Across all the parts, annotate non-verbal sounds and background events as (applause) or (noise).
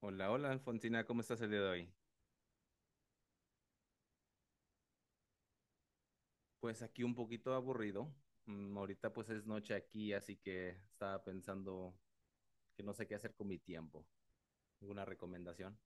Hola, hola Alfonsina, ¿cómo estás el día de hoy? Pues aquí un poquito aburrido. Ahorita pues es noche aquí, así que estaba pensando que no sé qué hacer con mi tiempo. ¿Alguna recomendación?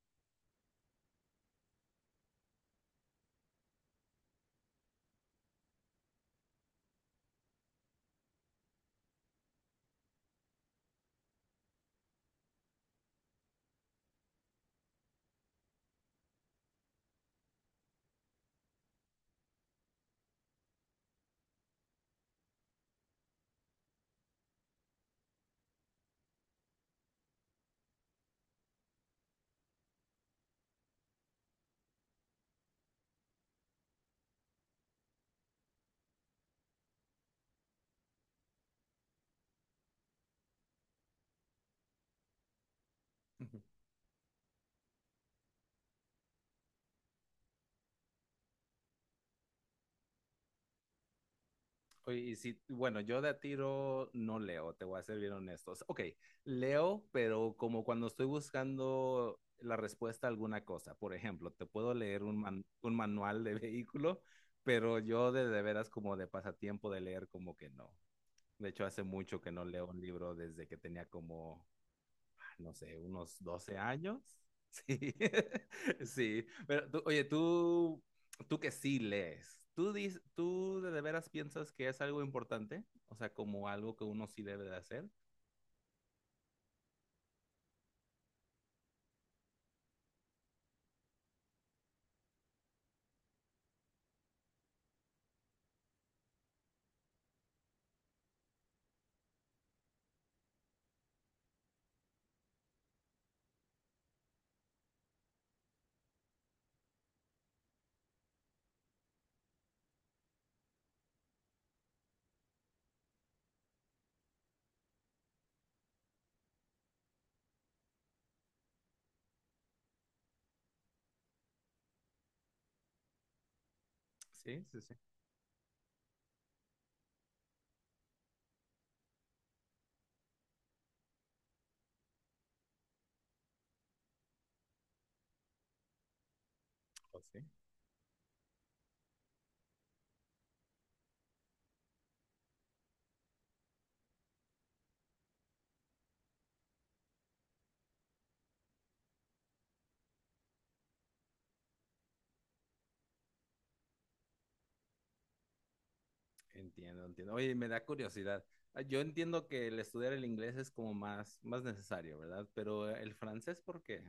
Ujú. Oye, y si, bueno, yo de a tiro no leo, te voy a ser bien honestos. Ok, leo, pero como cuando estoy buscando la respuesta a alguna cosa. Por ejemplo, te puedo leer un manual de vehículo, pero yo de veras como de pasatiempo de leer como que no. De hecho, hace mucho que no leo un libro desde que tenía como, no sé, unos 12 años. (laughs) Sí, (laughs) sí. Oye, tú que sí lees, ¿tú de veras piensas que es algo importante? O sea, como algo que uno sí debe de hacer. Sí, sí, sí. Oh, sí. Entiendo, entiendo. Oye, me da curiosidad. Ah, yo entiendo que el estudiar el inglés es como más necesario, ¿verdad? Pero el francés, ¿por qué?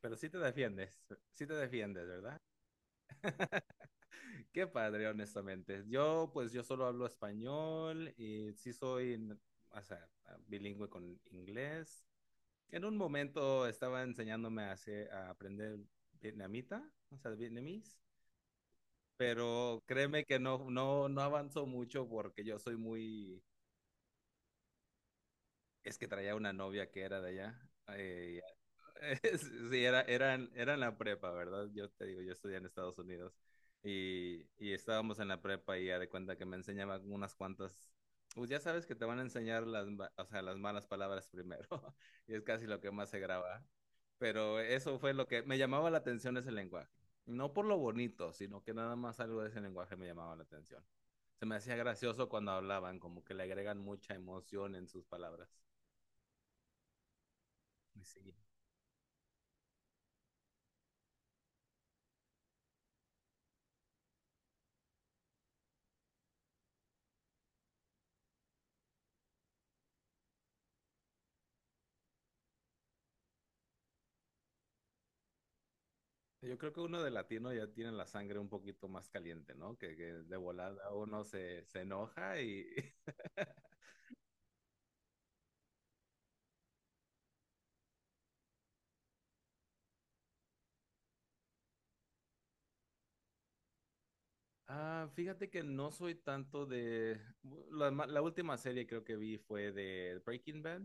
Pero sí te defiendes, ¿verdad? Qué padre, honestamente. Yo, pues, yo solo hablo español y sí soy, o sea, bilingüe con inglés. En un momento estaba enseñándome a aprender vietnamita, o sea, vietnamís, pero créeme que no avanzó mucho porque yo soy muy, es que traía una novia que era de allá. (laughs) Sí, era, eran la prepa, ¿verdad? Yo te digo, yo estudié en Estados Unidos y estábamos en la prepa y ya de cuenta que me enseñaban unas cuantas, pues ya sabes que te van a enseñar o sea, las malas palabras primero (laughs) y es casi lo que más se graba. Pero eso fue lo que me llamaba la atención ese lenguaje. No por lo bonito, sino que nada más algo de ese lenguaje me llamaba la atención. Se me hacía gracioso cuando hablaban, como que le agregan mucha emoción en sus palabras. Sí. Yo creo que uno de latino ya tiene la sangre un poquito más caliente, ¿no? Que de volada uno se enoja y... (laughs) Ah, fíjate que no soy tanto de... La última serie creo que vi fue de Breaking Bad.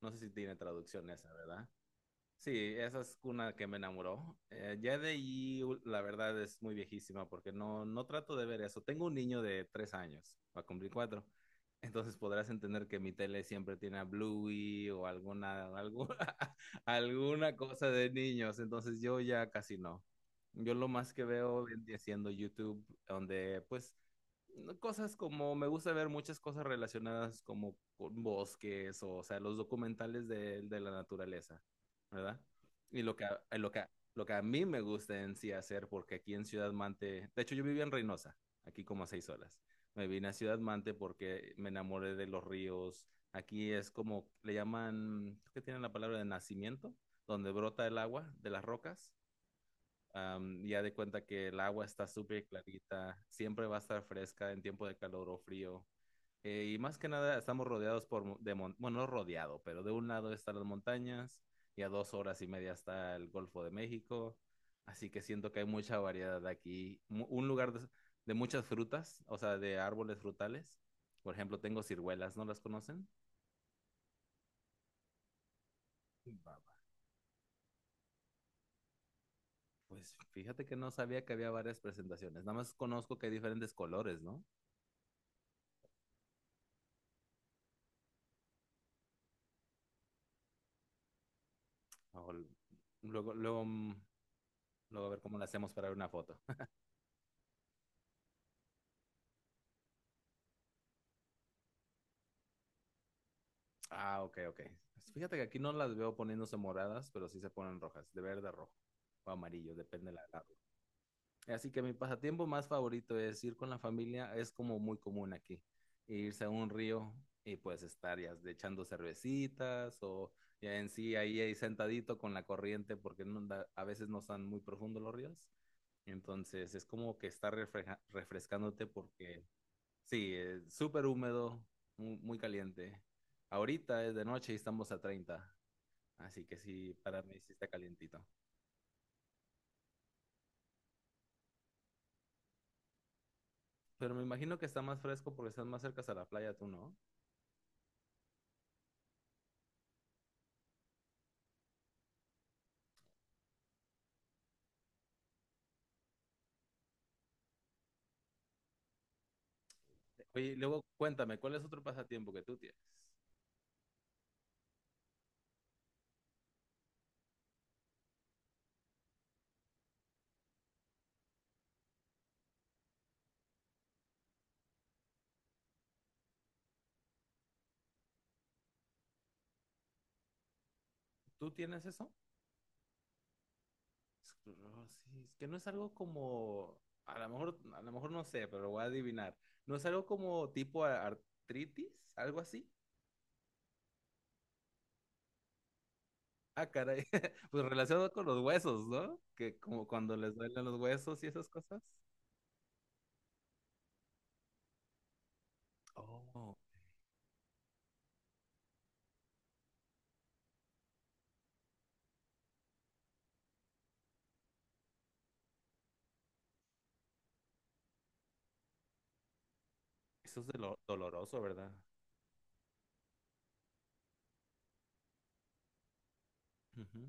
No sé si tiene traducción esa, ¿verdad? Sí, esa es una que me enamoró. Ya de ahí, la verdad, es muy viejísima porque no trato de ver eso. Tengo un niño de 3 años, va a cumplir cuatro. Entonces podrás entender que mi tele siempre tiene a Bluey o alguna, (laughs) alguna cosa de niños. Entonces yo ya casi no. Yo lo más que veo vendría siendo YouTube, donde pues cosas como me gusta ver muchas cosas relacionadas como con bosques o sea, los documentales de la naturaleza. ¿Verdad? Y lo que a mí me gusta en sí hacer, porque aquí en Ciudad Mante, de hecho yo vivía en Reynosa, aquí como a 6 horas. Me vine a Ciudad Mante porque me enamoré de los ríos. Aquí es como, le llaman, ¿qué tienen la palabra de nacimiento? Donde brota el agua de las rocas. Ya de cuenta que el agua está súper clarita, siempre va a estar fresca en tiempo de calor o frío. Y más que nada estamos rodeados por, mo- de mon- bueno, no rodeado, pero de un lado están las montañas y a 2 horas y media está el Golfo de México. Así que siento que hay mucha variedad aquí. Un lugar de muchas frutas, o sea, de árboles frutales. Por ejemplo, tengo ciruelas, ¿no las conocen? Baba. Pues fíjate que no sabía que había varias presentaciones. Nada más conozco que hay diferentes colores, ¿no? O l- Luego, luego, luego a ver cómo la hacemos para ver una foto. (laughs) Ah, ok, ok. Pues fíjate que aquí no las veo poniéndose moradas, pero sí se ponen rojas, de verde a rojo o amarillo, depende de la. Así que mi pasatiempo más favorito es ir con la familia, es como muy común aquí, irse a un río y pues estar ya de echando cervecitas o ya en sí ahí, sentadito con la corriente porque a veces no están muy profundos los ríos. Entonces es como que estar refrescándote porque. Sí, súper húmedo, muy caliente. Ahorita es de noche y estamos a 30, así que sí, para mí sí está calientito. Pero me imagino que está más fresco porque estás más cerca a la playa, tú, ¿no? Oye, y luego cuéntame, ¿cuál es otro pasatiempo que tú tienes? ¿Tú tienes eso? Esclerosis, que no es algo como, a lo mejor no sé, pero lo voy a adivinar. ¿No es algo como tipo artritis? ¿Algo así? Ah, caray. (laughs) Pues relacionado con los huesos, ¿no? Que como cuando les duelen los huesos y esas cosas. Oh, eso es doloroso, ¿verdad? Ujú.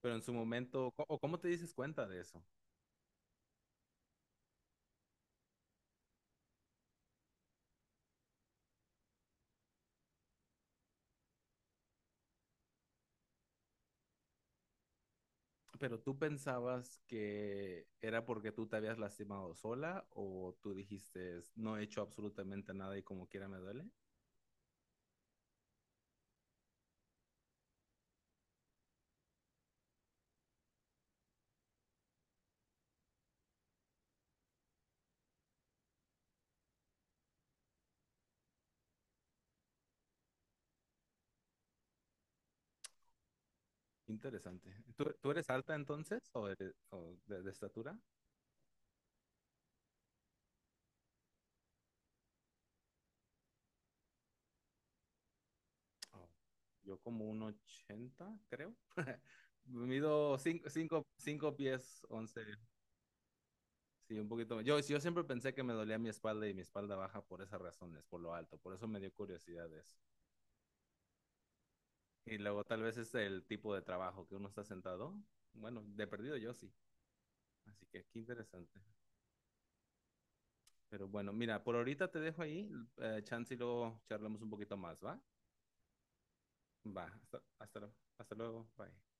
Pero en su momento, ¿O cómo te dices cuenta de eso? ¿Pero tú pensabas que era porque tú te habías lastimado sola o tú dijiste, no he hecho absolutamente nada y como quiera me duele? Interesante. ¿Tú eres alta entonces o, o de estatura? Oh, yo como un 80, creo. (laughs) Mido 5 pies 11. Sí, un poquito. Yo siempre pensé que me dolía mi espalda y mi espalda baja por esas razones, por lo alto. Por eso me dio curiosidad eso. Y luego tal vez es el tipo de trabajo que uno está sentado. Bueno, de perdido yo sí. Así que qué interesante. Pero bueno, mira, por ahorita te dejo ahí. Chance y luego charlamos un poquito más, ¿va? Va. Hasta luego. Bye.